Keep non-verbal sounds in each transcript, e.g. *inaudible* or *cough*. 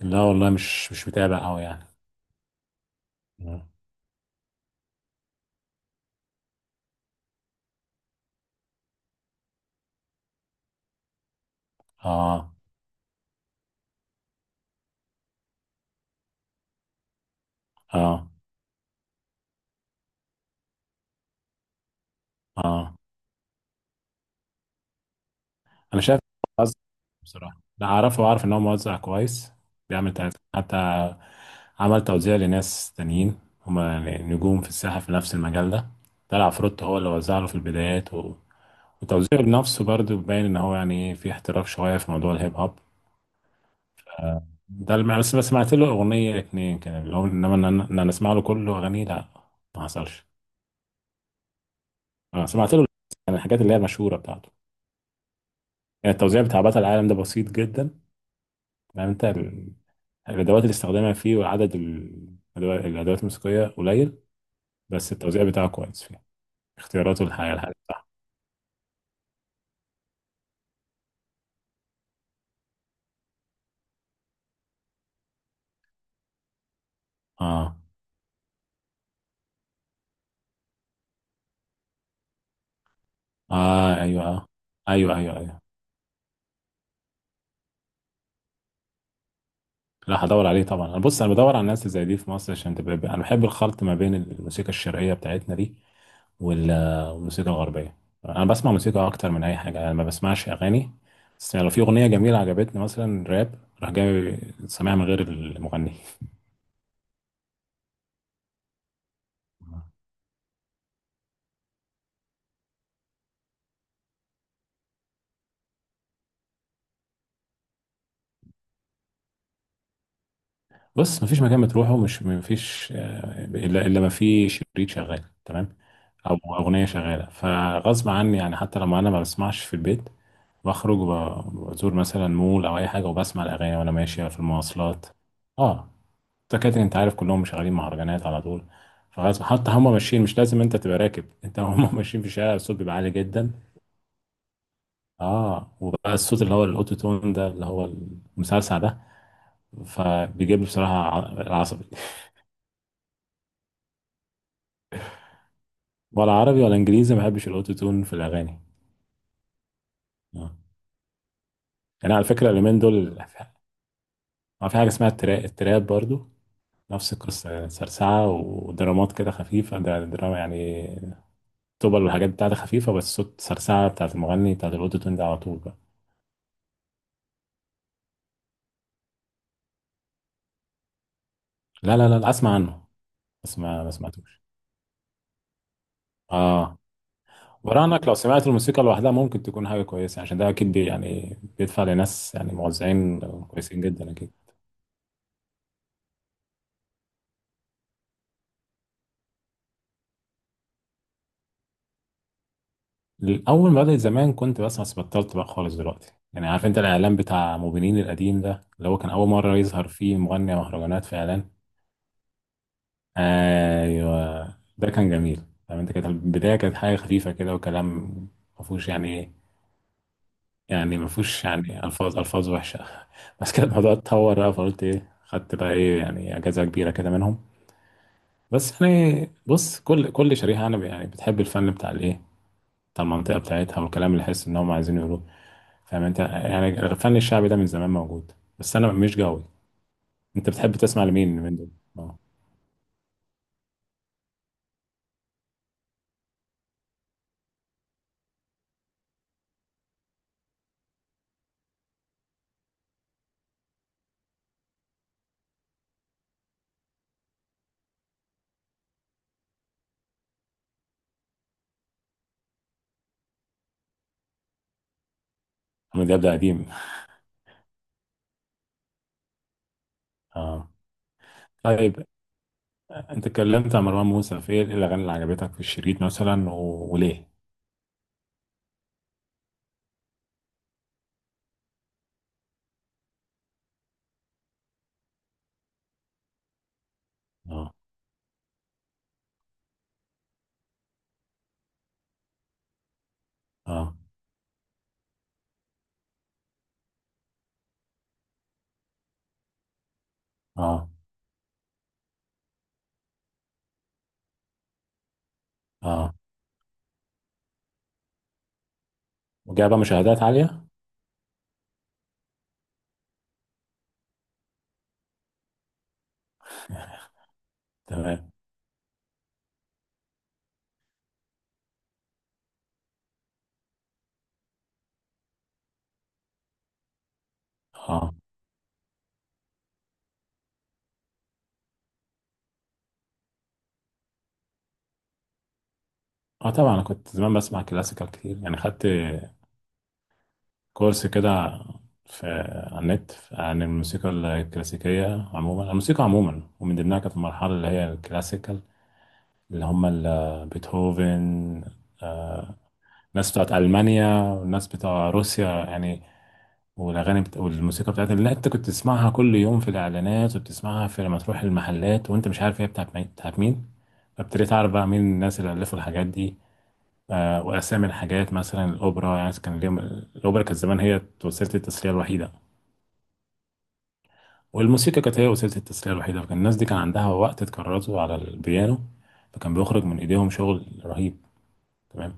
لا والله، مش متابع قوي يعني. مم. اه اه. اه. انا شايف موزع. بصراحه لا اعرفه واعرف ان هو موزع كويس. بيعمل تلاتة حتى، عمل توزيع لناس تانيين، هما يعني نجوم في الساحه في نفس المجال ده. طلع فروتو هو اللي وزع له في البدايات و... وتوزيعه لنفسه برضه، باين ان هو يعني ايه، في احتراف شويه في موضوع الهيب هوب. ده اللي بس سمعت له اغنيه اتنين كده، اللي هو انما ان انا إن أنا اسمع له كله اغانيه لا. ما حصلش. اه، سمعت له يعني الحاجات اللي هي المشهوره بتاعته. يعني التوزيع بتاع بطل العالم ده بسيط جدا. يعني انت الادوات اللي استخدمها فيه، وعدد الأدوات الموسيقيه قليل. بس التوزيع بتاعه كويس، فيه اختياراته الحقيقه الحقيقه صح. اه. اه. ايوه. اه. ايوه، ايوه، ايوه. لا، هدور عليه طبعا. انا بص، انا بدور على الناس اللي زي دي في مصر عشان تبقى، انا بحب الخلط ما بين الموسيقى الشرقيه بتاعتنا دي وال- والموسيقى الغربية. أنا بسمع موسيقى أكتر من أي حاجة. أنا ما بسمعش أغاني. بس لو في أغنية جميلة عجبتني، مثلا راب، راح جاي سامعها من غير المغني. بص، مفيش مكان بتروحه مش مفيش إلا ما في شريط شغال تمام، أو أغنية شغالة، فغصب عني. يعني حتى لما أنا ما بسمعش في البيت، بخرج وب- بزور مثلا مول أو أي حاجة، وبسمع الأغاني وأنا ماشي في المواصلات. اه. الدكاترة انت عارف كلهم شغالين مهرجانات على طول، فغصب حتى، هم ماشيين، مش لازم انت تبقى راكب، انت هم *laughs* ماشيين في الشارع، الصوت بيبقى عالي جدا. اه، وبقى الصوت اللي هو الاوتو تون ده، اللي هو المسلسع ده، فبيجيب لي بصراحة العصبي. ولا عربي ولا انجليزي، ما بحبش الاوتو تون في الاغاني. اه. يعني على فكرة اليومين دول، ما في حاجة اسمها التراب، التراب برضو نفس القصة، يعني سرسعة ودرامات كده خفيفة، ده دراما يعني، طبل والحاجات بتاعتها خفيفة، بس صوت سرسعة بتاعت المغني بتاعت الاوتو تون ده على طول بقى. لا، لا، لا اسمع عنه. بس ما سمعتوش. اه. ورانك، لو سمعت الموسيقى لوحدها ممكن تكون حاجه كويسه، عشان ده اكيد يعني بيدفع لناس، يعني موزعين كويسين جدا اكيد. الاول ما بدات زمان كنت بسمع، بس بطلت بقى خالص دلوقتي. يعني عارف انت الاعلان بتاع موبينيل القديم ده، اللي هو كان اول مره يظهر فيه مغني مهرجانات في اعلان. ايوه، ده كان جميل. فاهم انت، كانت البدايه كانت حاجه خفيفه كده، وكلام ما فيهوش يعني ما فيهوش يعني الفاظ، الفاظ وحشه. *laughs* بس كده الموضوع اتطور بقى، فقلت ايه، خدت بقى ايه يعني اجازه كبيره كده منهم. بس يعني بص، كل شريحه انا يعني بتحب الفن بتاع الايه، بتاع المنطقه بتاعتها، والكلام اللي حاسس ان هم عايزين يقولوه. فاهم انت، يعني الفن الشعبي ده من زمان موجود، بس انا مش جوي. انت بتحب تسمع لمين من دول؟ اه. عمرو دياب ده قديم. اه. طيب، انت اتكلمت عن مروان موسى، في ايه الاغاني اللي عجبتك في الشريط مثلا و... وليه؟ اه. اه. اه. اه، وجايبه مشاهدات عاليه. تمام. اه. اه، طبعا انا كنت زمان بسمع كلاسيكال كتير، يعني خدت كورس كده في على النت عن الموسيقى الكلاسيكية عموما، الموسيقى عموما، ومن ضمنها كانت المرحلة اللي هي الكلاسيكال، اللي هم بيتهوفن، الناس بتاعت ألمانيا، والناس بتاع روسيا يعني. والموسيقى بتاعت اللي أنت كنت تسمعها كل يوم في الإعلانات، وبتسمعها في لما تروح المحلات وأنت مش عارف هي بتاعت مين بتاعت مين. فابتديت أعرف بقى مين الناس اللي ألفوا الحاجات دي. واسامي الحاجات، مثلا الاوبرا، يعني كان اليوم، الاوبرا كانت زمان هي وسيله التسليه الوحيده، والموسيقى كانت هي وسيله التسليه الوحيده، فكان الناس دي كان عندها وقت تكرسه على البيانو، فكان بيخرج من ايديهم شغل رهيب. تمام، ما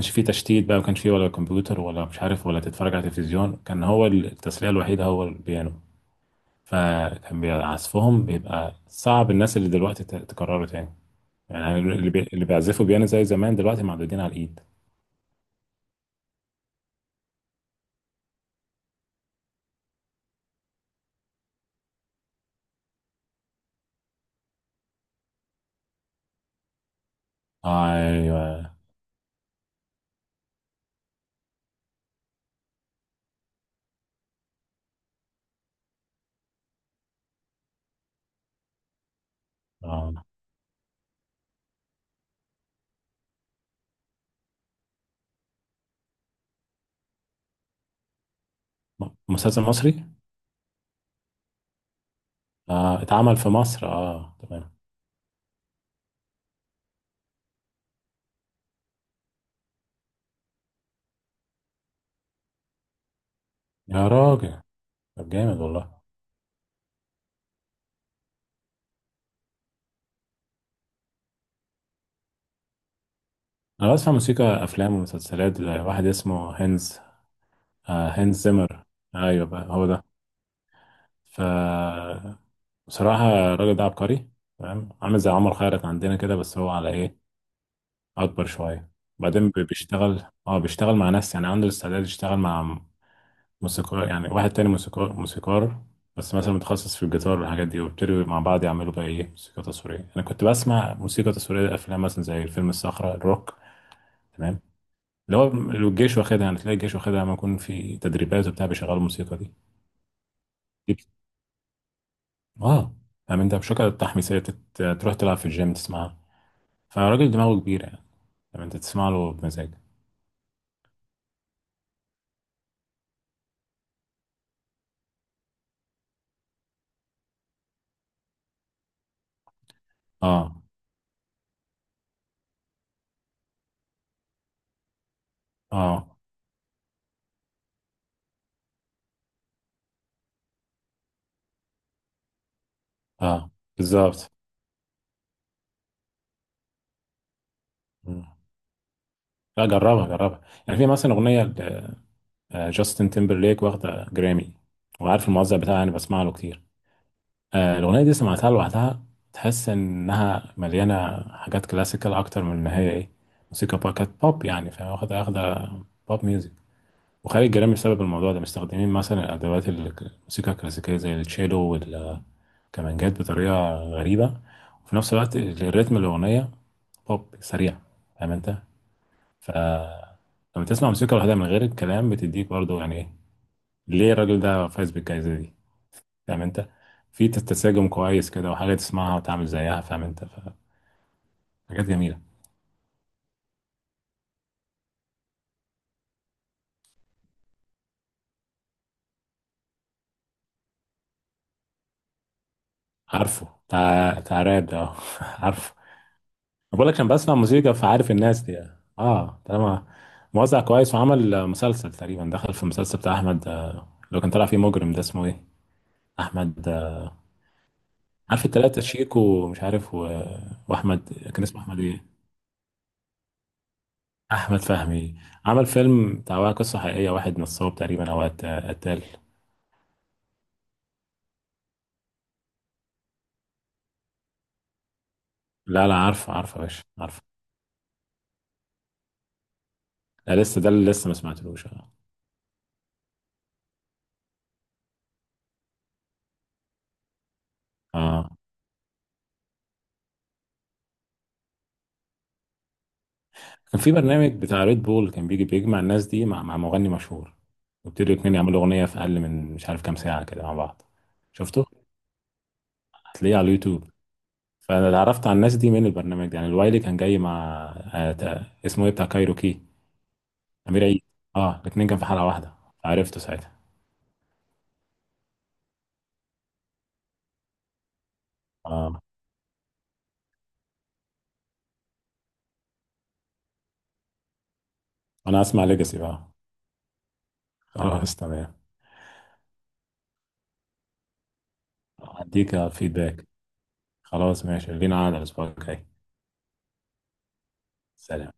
كانش فيه تشتيت بقى، ما كانش فيه ولا كمبيوتر ولا مش عارف، ولا تتفرج على تلفزيون، كان هو التسليه الوحيده هو البيانو. فكان عزفهم بيبقى صعب الناس اللي دلوقتي تكرره تاني. يعني اللي بيعزفوا بيانو زي زمان دلوقتي معدودين على الايد. ايوه. آه. مسلسل مصري؟ آه، اتعمل في مصر، اه تمام. يا راجل، طب جامد والله. انا بسمع موسيقى افلام ومسلسلات ل- واحد اسمه هينز. آه، هينز زيمر، ايوه بقى هو ده. ف، بصراحة الراجل ده عبقري. تمام، عامل زي عمر خيرت عندنا كده، بس هو على ايه اكبر شوية. بعدين بيشتغل مع ناس، يعني عنده الاستعداد يشتغل مع موسيقار، يعني واحد تاني موسيقار، بس مثلا متخصص في الجيتار والحاجات دي، وابتدوا مع بعض يعملوا بقى ايه، موسيقى تصويرية. انا كنت بسمع موسيقى تصويرية لأفلام، مثلا زي فيلم الصخرة الروك. تمام، اللي هو لو الجيش واخدها يعني، تلاقي الجيش واخدها لما يكون في تدريبات وبتاع، بيشغلوا الموسيقى دي. دي اه فاهم انت بشكل التحميسية، تروح تلعب في الجيم تسمعها. فالراجل دماغه كبيرة يعني، فاهم انت، تسمع له بمزاج. اه. اه. اه، بالظبط. مم. لا، جربها جربها. يعني في مثلا أغنية جاستن تيمبرليك واخدة جرامي، وعارف الموزع بتاعها، يعني بسمع له كتير. الأغنية دي سمعتها لوحدها، تحس إنها مليانة حاجات كلاسيكال أكتر من إن هي إيه، موسيقى بقى كانت بوب يعني، فاهم، واخدة واخدة بوب ميوزك. وخارج جرامي بسبب الموضوع ده، مستخدمين مثلا الأدوات الموسيقى الكلاسيكية زي التشيلو والكمانجات بطريقة غريبة، وفي نفس الوقت الريتم الأغنية بوب سريع، فاهم أنت؟ ف، لما تسمع موسيقى لوحدها من غير الكلام، بتديك برضو يعني إيه، ليه الراجل ده فايز بالجائزة دي، فاهم انت. في تساجم كويس كده، وحاجة تسمعها وتعمل زيها فاهم انت. حاجات جميلة. عارفه تعراب ده *laughs* عارفه. أنا بقول لك انا بسمع موسيقى، فعارف الناس دي. اه طالما موزع كويس، وعمل مسلسل تقريبا، دخل في المسلسل بتاع احمد اللي كان طالع فيه مجرم، ده اسمه ايه؟ احمد. عارف التلاتة شيكو، ومش عارف واحمد كان اسمه احمد ايه؟ احمد فهمي. عمل فيلم بتاع قصة حقيقية، واحد نصاب تقريبا او قتال. لا، لا، عارفه عارفه يا باشا عارفه. لا، لسه، ده اللي لسه ما سمعتلوش. اه. اه، كان في برنامج بتاع ريد بول، كان بيجي بيجمع الناس دي مع مغني مشهور، وابتدوا الاتنين يعملوا اغنيه في اقل من مش عارف كام ساعه كده مع بعض. شفته؟ هتلاقيه على اليوتيوب. فانا اللي عرفت على الناس دي من البرنامج ده، يعني الوايلي كان جاي مع اسمه ايه بتاع كايروكي؟ امير عيد. اه، الاتنين كان في حلقه واحده، عرفته ساعتها. اه. انا اسمع ليجاسي بقى، خلاص تمام. هديك فيدباك. خلاص، ماشي لينا، عاد الاسبوع الجاي. سلام.